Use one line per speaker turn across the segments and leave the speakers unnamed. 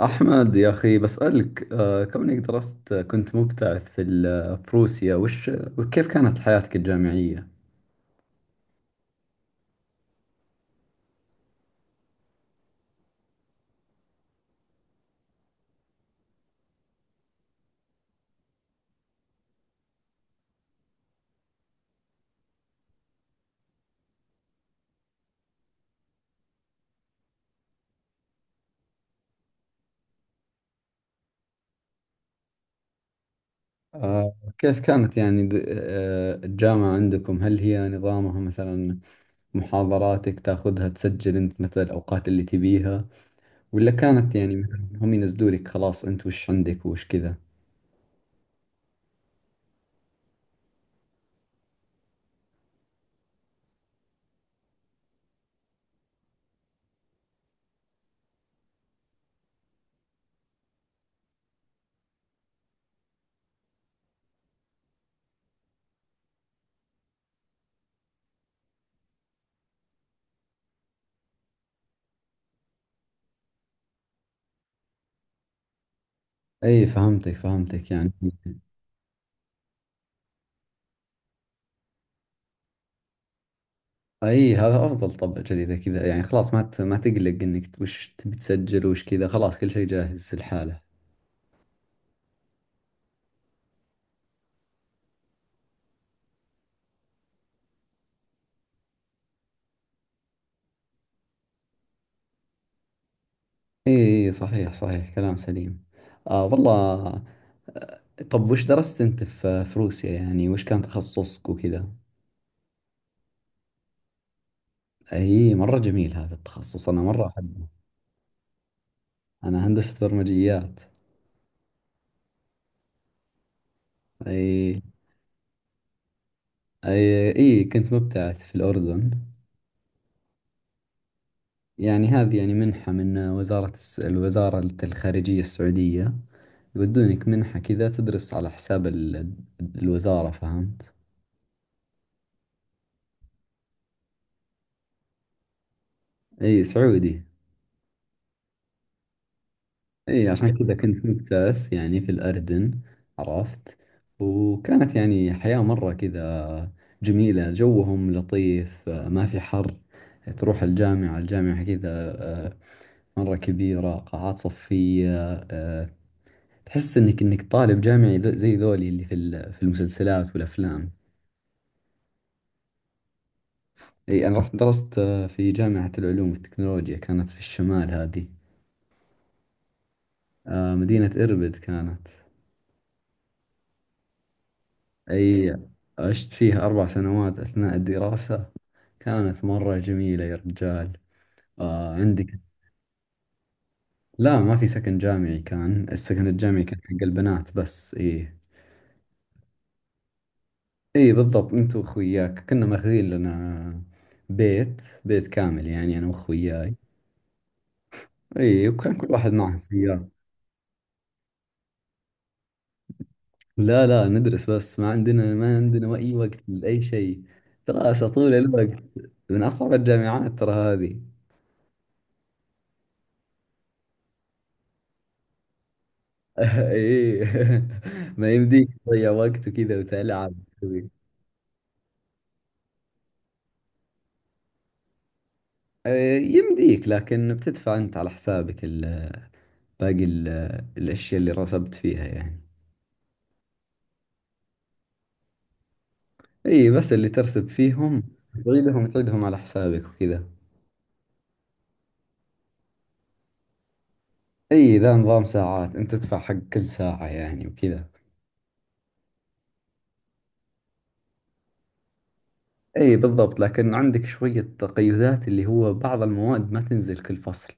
أحمد يا أخي بسألك كونك درست كنت مبتعث في روسيا وكيف كانت حياتك الجامعية؟ كيف كانت يعني الجامعة عندكم، هل هي نظامها مثلا محاضراتك تاخذها تسجل أنت مثلا الأوقات اللي تبيها، ولا كانت يعني مثلا هم ينزلوا لك، خلاص أنت وش عندك وش كذا؟ أي، فهمتك فهمتك يعني. اي، هذا افضل طبعا اذا كذا، يعني خلاص ما تقلق انك وش تبي تسجل وش كذا، خلاص كل شيء جاهز لحاله. اي، إي، صحيح صحيح، كلام سليم. آه والله. آه، طب وش درست انت في روسيا، يعني وش كان تخصصك وكذا؟ اي، مرة جميل هذا التخصص، انا مرة احبه. انا هندسة برمجيات. اي. اي اي، كنت مبتعث في الاردن. يعني هذه يعني منحة من الوزارة الخارجية السعودية، يودونك منحة كذا تدرس على حساب الوزارة، فهمت. اي سعودي. اي، عشان كذا كنت مبتعث يعني في الأردن، عرفت. وكانت يعني حياة مرة كذا جميلة، جوهم لطيف، ما في حر. تروح الجامعة، الجامعة كذا، آه، مرة كبيرة، قاعات صفية، تحس انك طالب جامعي، زي ذولي اللي في المسلسلات والأفلام. اي، انا رحت درست في جامعة العلوم والتكنولوجيا، كانت في الشمال هذه. مدينة إربد كانت. أي، عشت فيه أربع سنوات أثناء الدراسة، كانت مرة جميلة يا رجال. آه عندك. لا ما في سكن جامعي، كان السكن الجامعي كان حق البنات بس. إيه. إيه بالضبط، أنت وأخوياك، كنا ماخذين لنا بيت، بيت كامل يعني، أنا وأخوياي. إيه، وكان كل واحد معه سيارة. لا لا، ندرس بس، ما عندنا أي وقت لأي شيء، دراسة طول الوقت. من أصعب الجامعات ترى هذه. ايه. ما يمديك تضيع وقت وكذا وتلعب. إيه، يمديك، لكن بتدفع انت على حسابك باقي الاشياء اللي رسبت فيها يعني. اي بس اللي ترسب فيهم، تعيدهم على حسابك وكذا. اي ذا نظام ساعات، انت تدفع حق كل ساعة يعني وكذا. اي بالضبط، لكن عندك شوية تقيدات، اللي هو بعض المواد ما تنزل كل فصل.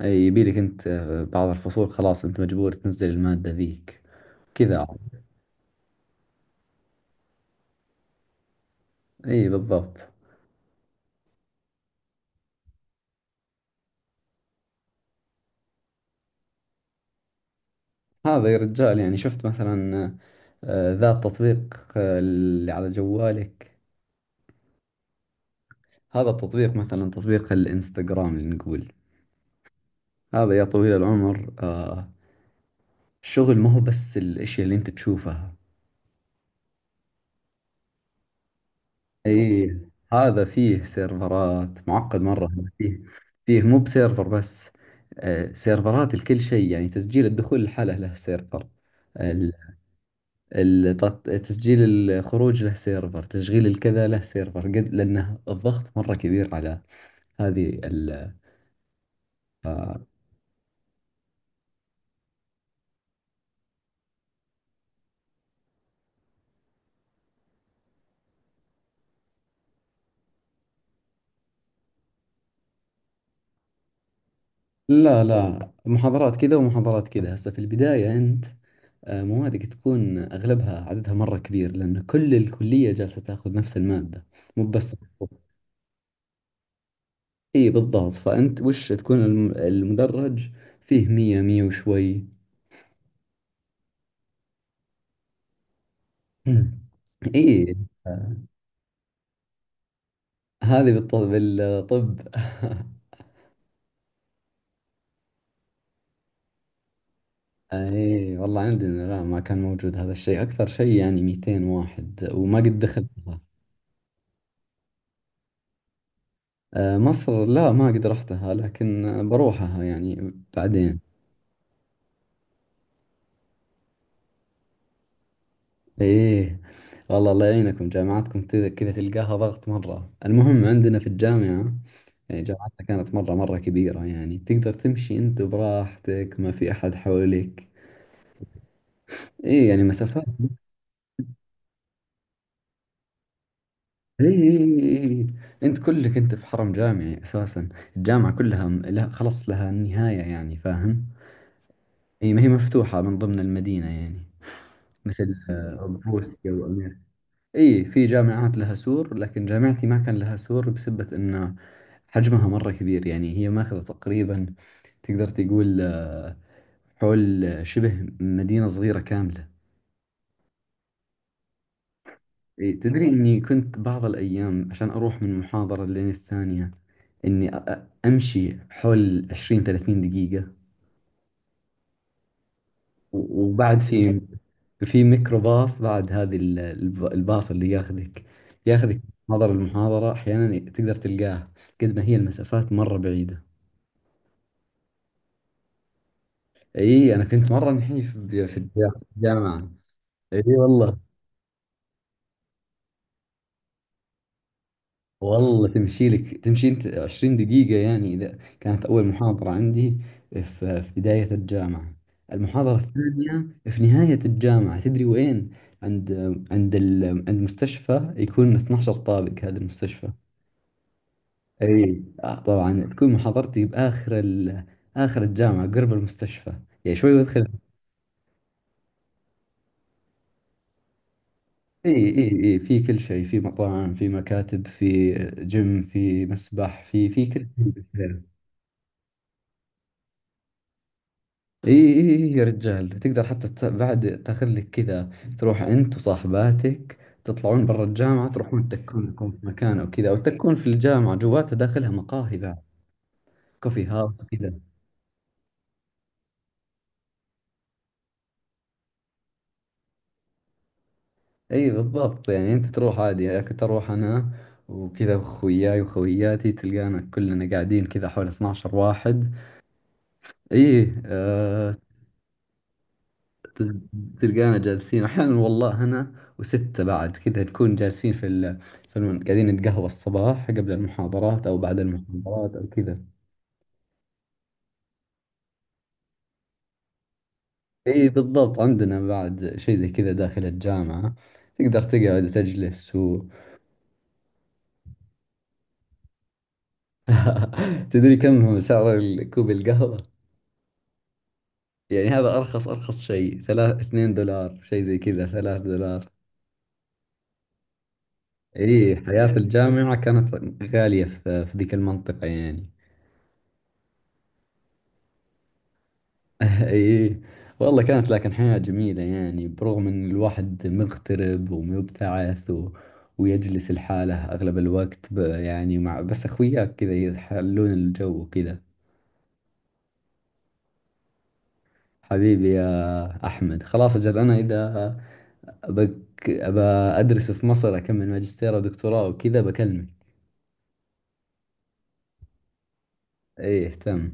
اي يبيلك انت، بعض الفصول خلاص انت مجبور تنزل المادة ذيك كذا. اي بالضبط. هذا يا رجال، يعني شفت مثلا ذا التطبيق اللي على جوالك، هذا التطبيق مثلا تطبيق الانستغرام اللي نقول، هذا يا طويل العمر، الشغل ما هو بس الاشياء اللي انت تشوفها. اي، هذا فيه سيرفرات، معقد مرة، هذا فيه، فيه مو بسيرفر بس، سيرفرات لكل شيء، يعني تسجيل الدخول لحاله له سيرفر، تسجيل الخروج له سيرفر، تشغيل الكذا له سيرفر، قد لأنه الضغط مرة كبير على هذه ال آه، لا لا، محاضرات كذا ومحاضرات كذا، هسه في البداية أنت موادك تكون أغلبها عددها مرة كبير، لأن كل الكلية جالسة تاخذ نفس المادة، مو بس تخصص. اي بالضبط، فأنت وش تكون المدرج فيه، مية مية وشوي. مم. اي آه، هذه بالطب. اي والله، عندنا لا ما كان موجود هذا الشيء، اكثر شيء يعني 200 واحد، وما قد دخلتها. مصر لا ما قد رحتها، لكن بروحها يعني بعدين. ايه والله، الله يعينكم، جامعاتكم كذا كذا تلقاها ضغط مرة. المهم عندنا في الجامعة، يعني جامعتنا كانت مرة كبيرة، يعني تقدر تمشي انت براحتك، ما في احد حولك. ايه يعني مسافات. اي اي اي اي، انت كلك انت في حرم جامعي اساسا، الجامعة كلها لها خلص لها نهاية يعني، فاهم. اي، ما هي مفتوحة من ضمن المدينة يعني. مثل بروسيا وامريكا. اي في جامعات لها سور، لكن جامعتي ما كان لها سور بسبة انه حجمها مرة كبير، يعني هي ماخذة تقريبا، تقدر تقول حول شبه مدينة صغيرة كاملة. إيه، تدري إني كنت بعض الأيام عشان أروح من محاضرة لين الثانية، إني أمشي حول 20 30 دقيقة. وبعد في ميكروباص بعد، هذه الباص اللي ياخذك، ياخذك من محاضرة المحاضرة، أحيانا تقدر تلقاه، قد ما هي المسافات مرة بعيدة. إي أنا كنت مرة نحيف في الجامعة، إي والله. والله تمشي لك، تمشي انت 20 دقيقة يعني، اذا كانت اول محاضرة عندي في بداية الجامعة، المحاضرة الثانية في نهاية الجامعة، تدري وين؟ عند عند ال... عند مستشفى يكون 12 طابق هذا المستشفى. اي آه طبعا تكون محاضرتي باخر ال... اخر الجامعة قرب المستشفى، يعني شوي وادخل. اي اي اي، في كل شيء، في مطاعم، في مكاتب، في جيم، في مسبح، في كل شيء. اي اي إي يا رجال، تقدر حتى بعد تاخذ لك كذا، تروح انت وصاحباتك، تطلعون برا الجامعة، تروحون تكون لكم في مكان او كذا، او تكون في الجامعة جواتها، داخلها مقاهي بعد، كوفي هاوس وكذا. اي بالضبط، يعني انت تروح عادي، يعني كنت اروح انا وكذا اخوياي وخوياتي، تلقانا كلنا قاعدين كذا حول 12 واحد. اي تلقانا جالسين احيانا والله، انا وستة بعد كذا، نكون جالسين في ال... في الم... قاعدين نتقهوى الصباح قبل المحاضرات او بعد المحاضرات او كذا. اي بالضبط، عندنا بعد شيء زي كذا داخل الجامعة، تقدر تقعد وتجلس و... تدري كم هو سعر كوب القهوة؟ يعني هذا ارخص ارخص شيء، ثلاث اثنين دولار، شيء زي كذا، ثلاث دولار. اي حياة الجامعة كانت غالية في ذيك المنطقة يعني. ايه والله كانت، لكن حياة جميلة يعني، برغم ان الواحد مغترب ومبتعث و... ويجلس لحاله اغلب الوقت ب... يعني مع بس اخوياك كذا يحلون الجو وكذا. حبيبي يا احمد، خلاص اجل انا اذا بك... ابى ادرس في مصر، اكمل ماجستير ودكتوراه وكذا، بكلمك. ايه تم.